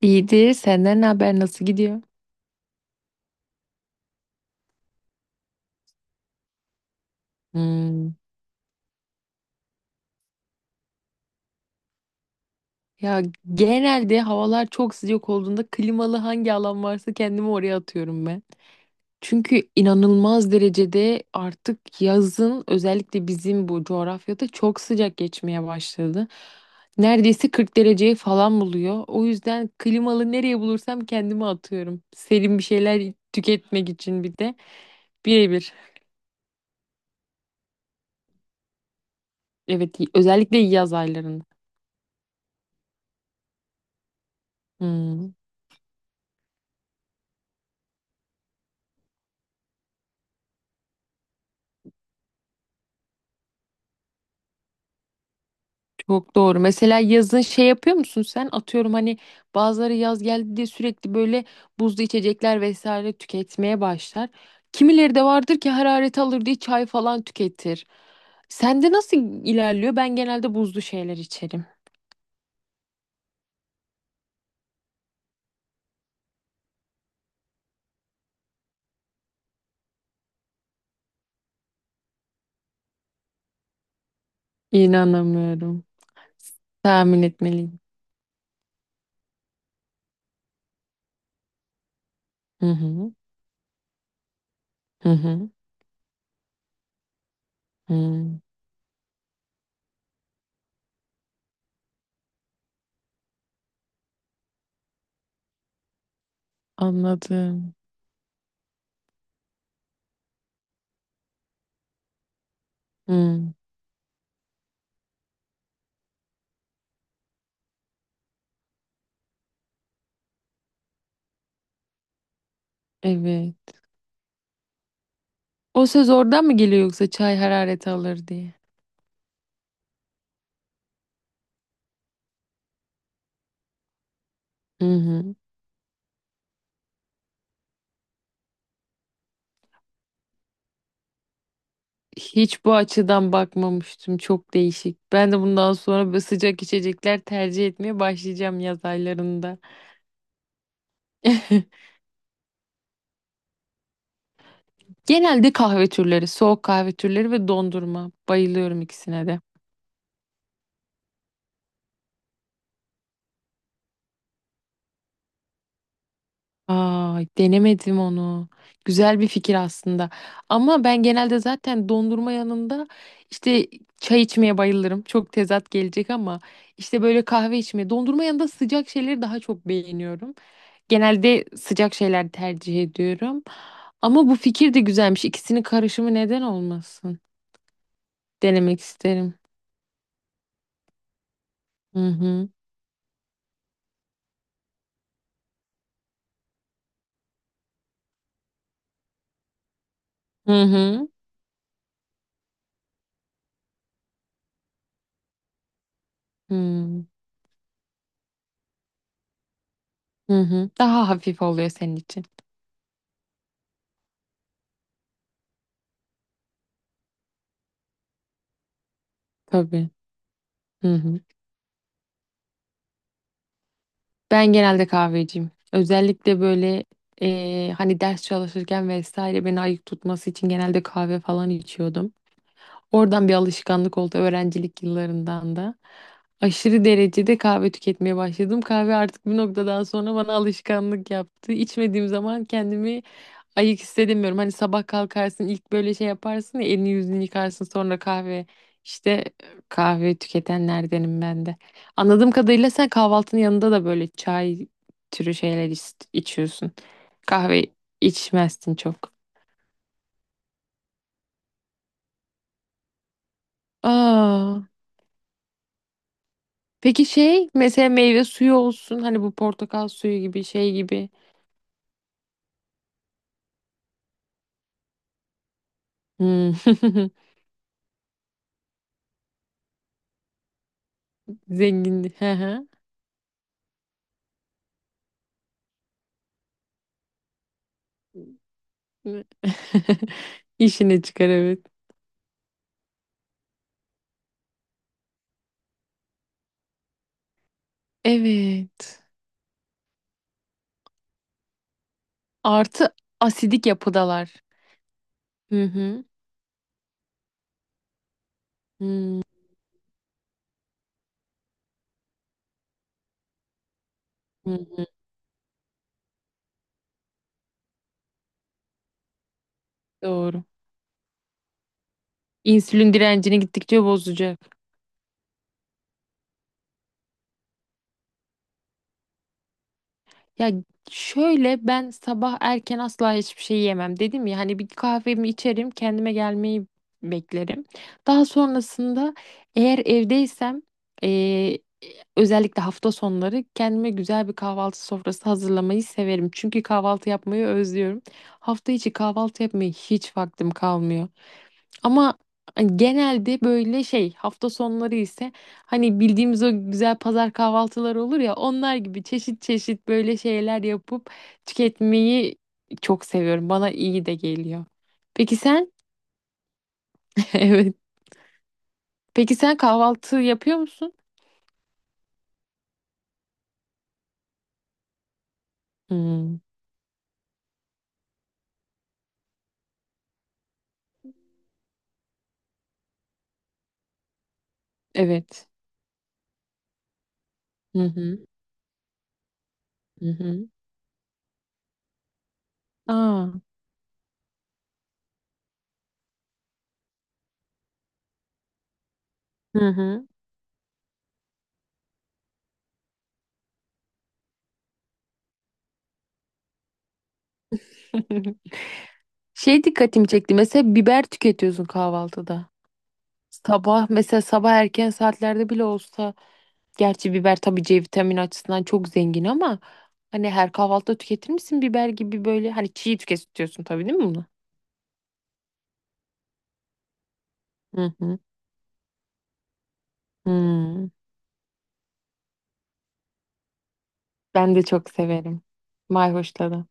İyidir. Senden ne haber? Nasıl gidiyor? Hmm. Ya genelde havalar çok sıcak olduğunda klimalı hangi alan varsa kendimi oraya atıyorum ben. Çünkü inanılmaz derecede artık yazın özellikle bizim bu coğrafyada çok sıcak geçmeye başladı. Neredeyse 40 dereceyi falan buluyor. O yüzden klimalı nereye bulursam kendimi atıyorum. Serin bir şeyler tüketmek için bir de birebir. Evet, özellikle yaz aylarında. Hmm. Çok doğru. Mesela yazın şey yapıyor musun sen? Atıyorum hani bazıları yaz geldi diye sürekli böyle buzlu içecekler vesaire tüketmeye başlar. Kimileri de vardır ki hararet alır diye çay falan tüketir. Sende nasıl ilerliyor? Ben genelde buzlu şeyler içerim. İnanamıyorum. Tahmin etmeliyim. Hı hı. Hı hı. Hı. Anladım. Hı. Evet. O söz oradan mı geliyor yoksa çay hararet alır diye? Hı hı. Hiç bu açıdan bakmamıştım. Çok değişik. Ben de bundan sonra böyle sıcak içecekler tercih etmeye başlayacağım yaz aylarında. Genelde kahve türleri, soğuk kahve türleri ve dondurma. Bayılıyorum ikisine de. Aa, denemedim onu. Güzel bir fikir aslında. Ama ben genelde zaten dondurma yanında işte çay içmeye bayılırım. Çok tezat gelecek ama işte böyle kahve içmeye, dondurma yanında sıcak şeyleri daha çok beğeniyorum. Genelde sıcak şeyler tercih ediyorum. Ama bu fikir de güzelmiş. İkisinin karışımı neden olmasın? Denemek isterim. Hı hı. Hı hı. Hı hı. Hı. Daha hafif oluyor senin için. Tabii. Hı hı. Ben genelde kahveciyim. Özellikle böyle hani ders çalışırken vesaire beni ayık tutması için genelde kahve falan içiyordum. Oradan bir alışkanlık oldu öğrencilik yıllarından da. Aşırı derecede kahve tüketmeye başladım. Kahve artık bir noktadan sonra bana alışkanlık yaptı. İçmediğim zaman kendimi ayık hissedemiyorum. Hani sabah kalkarsın ilk böyle şey yaparsın ya elini yüzünü yıkarsın sonra kahve. İşte kahve tüketenlerdenim ben de. Anladığım kadarıyla sen kahvaltının yanında da böyle çay türü şeyler içiyorsun. Kahve içmezsin çok. Aa. Peki şey mesela meyve suyu olsun hani bu portakal suyu gibi şey gibi. Hmm. Zenginlik. Hı hı. İşine çıkar evet. Evet. Artı asidik yapıdalar. Hı hı. Hmm. Hı hı. Doğru. İnsülin direncini gittikçe bozacak. Ya şöyle ben sabah erken asla hiçbir şey yemem. Dedim ya hani bir kahvemi içerim, kendime gelmeyi beklerim. Daha sonrasında eğer evdeysem eee, özellikle hafta sonları kendime güzel bir kahvaltı sofrası hazırlamayı severim. Çünkü kahvaltı yapmayı özlüyorum. Hafta içi kahvaltı yapmaya hiç vaktim kalmıyor. Ama hani, genelde böyle şey hafta sonları ise hani bildiğimiz o güzel pazar kahvaltıları olur ya onlar gibi çeşit çeşit böyle şeyler yapıp tüketmeyi çok seviyorum. Bana iyi de geliyor. Peki sen? Evet. Peki sen kahvaltı yapıyor musun? Hmm, evet. Hı hı. Hı hı. Aa. Hı hı. Şey dikkatimi çekti. Mesela biber tüketiyorsun kahvaltıda. Sabah mesela sabah erken saatlerde bile olsa gerçi biber tabii C vitamini açısından çok zengin ama hani her kahvaltıda tüketir misin biber gibi böyle hani çiğ tüketiyorsun tabii değil mi bunu? Hı hı. Hmm. Ben de çok severim. Mayhoşla da.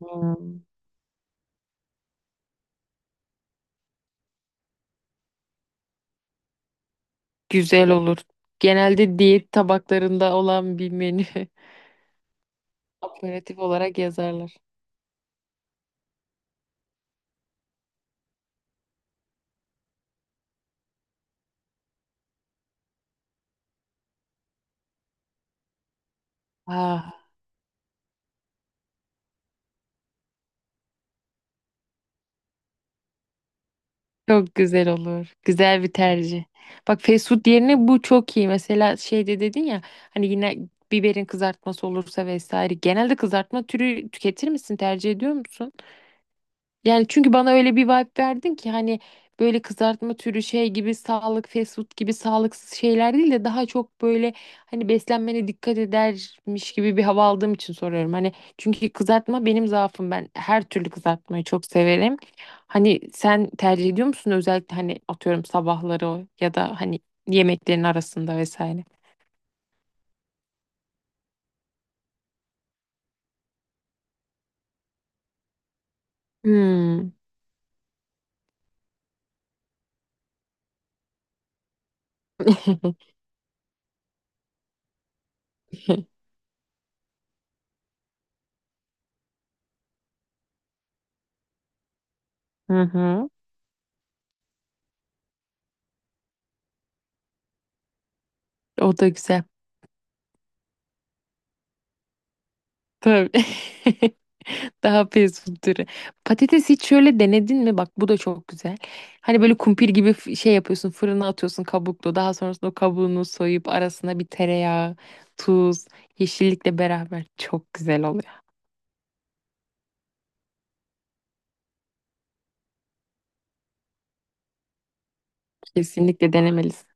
Hmm. Güzel olur. Genelde diyet tabaklarında olan bir menü. Aperatif olarak yazarlar. Ah. Çok güzel olur. Güzel bir tercih. Bak fast food yerine bu çok iyi. Mesela şeyde dedin ya hani yine biberin kızartması olursa vesaire. Genelde kızartma türü tüketir misin? Tercih ediyor musun? Yani çünkü bana öyle bir vibe verdin ki hani böyle kızartma türü şey gibi sağlık fast food gibi sağlıksız şeyler değil de daha çok böyle hani beslenmene dikkat edermiş gibi bir hava aldığım için soruyorum. Hani çünkü kızartma benim zaafım ben her türlü kızartmayı çok severim. Hani sen tercih ediyor musun özellikle hani atıyorum sabahları o ya da hani yemeklerin arasında vesaire. Hmm. Hı hı. O da güzel. Tabii. Daha fast food türü. Patates hiç şöyle denedin mi? Bak bu da çok güzel. Hani böyle kumpir gibi şey yapıyorsun, fırına atıyorsun kabuklu. Daha sonrasında o kabuğunu soyup arasına bir tereyağı, tuz, yeşillikle beraber çok güzel oluyor. Kesinlikle denemelisin.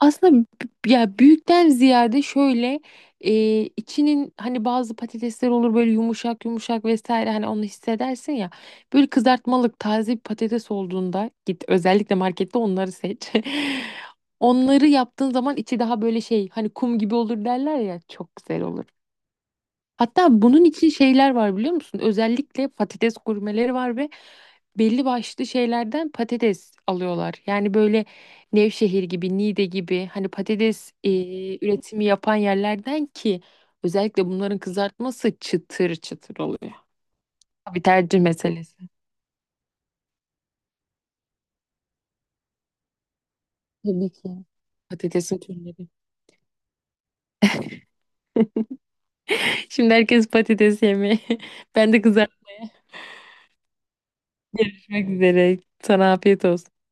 Aslında ya büyükten ziyade şöyle içinin hani bazı patatesler olur böyle yumuşak yumuşak vesaire hani onu hissedersin ya. Böyle kızartmalık taze bir patates olduğunda git özellikle markette onları seç. Onları yaptığın zaman içi daha böyle şey hani kum gibi olur derler ya çok güzel olur. Hatta bunun için şeyler var biliyor musun? Özellikle patates gurmeleri var ve belli başlı şeylerden patates alıyorlar. Yani böyle Nevşehir gibi, Niğde gibi hani patates üretimi yapan yerlerden ki özellikle bunların kızartması çıtır çıtır oluyor. Bir tercih meselesi. Tabii ki. Patatesin türleri. Şimdi herkes patates yemeye. Ben de kızartmaya kızartmak üzere. Sana afiyet olsun.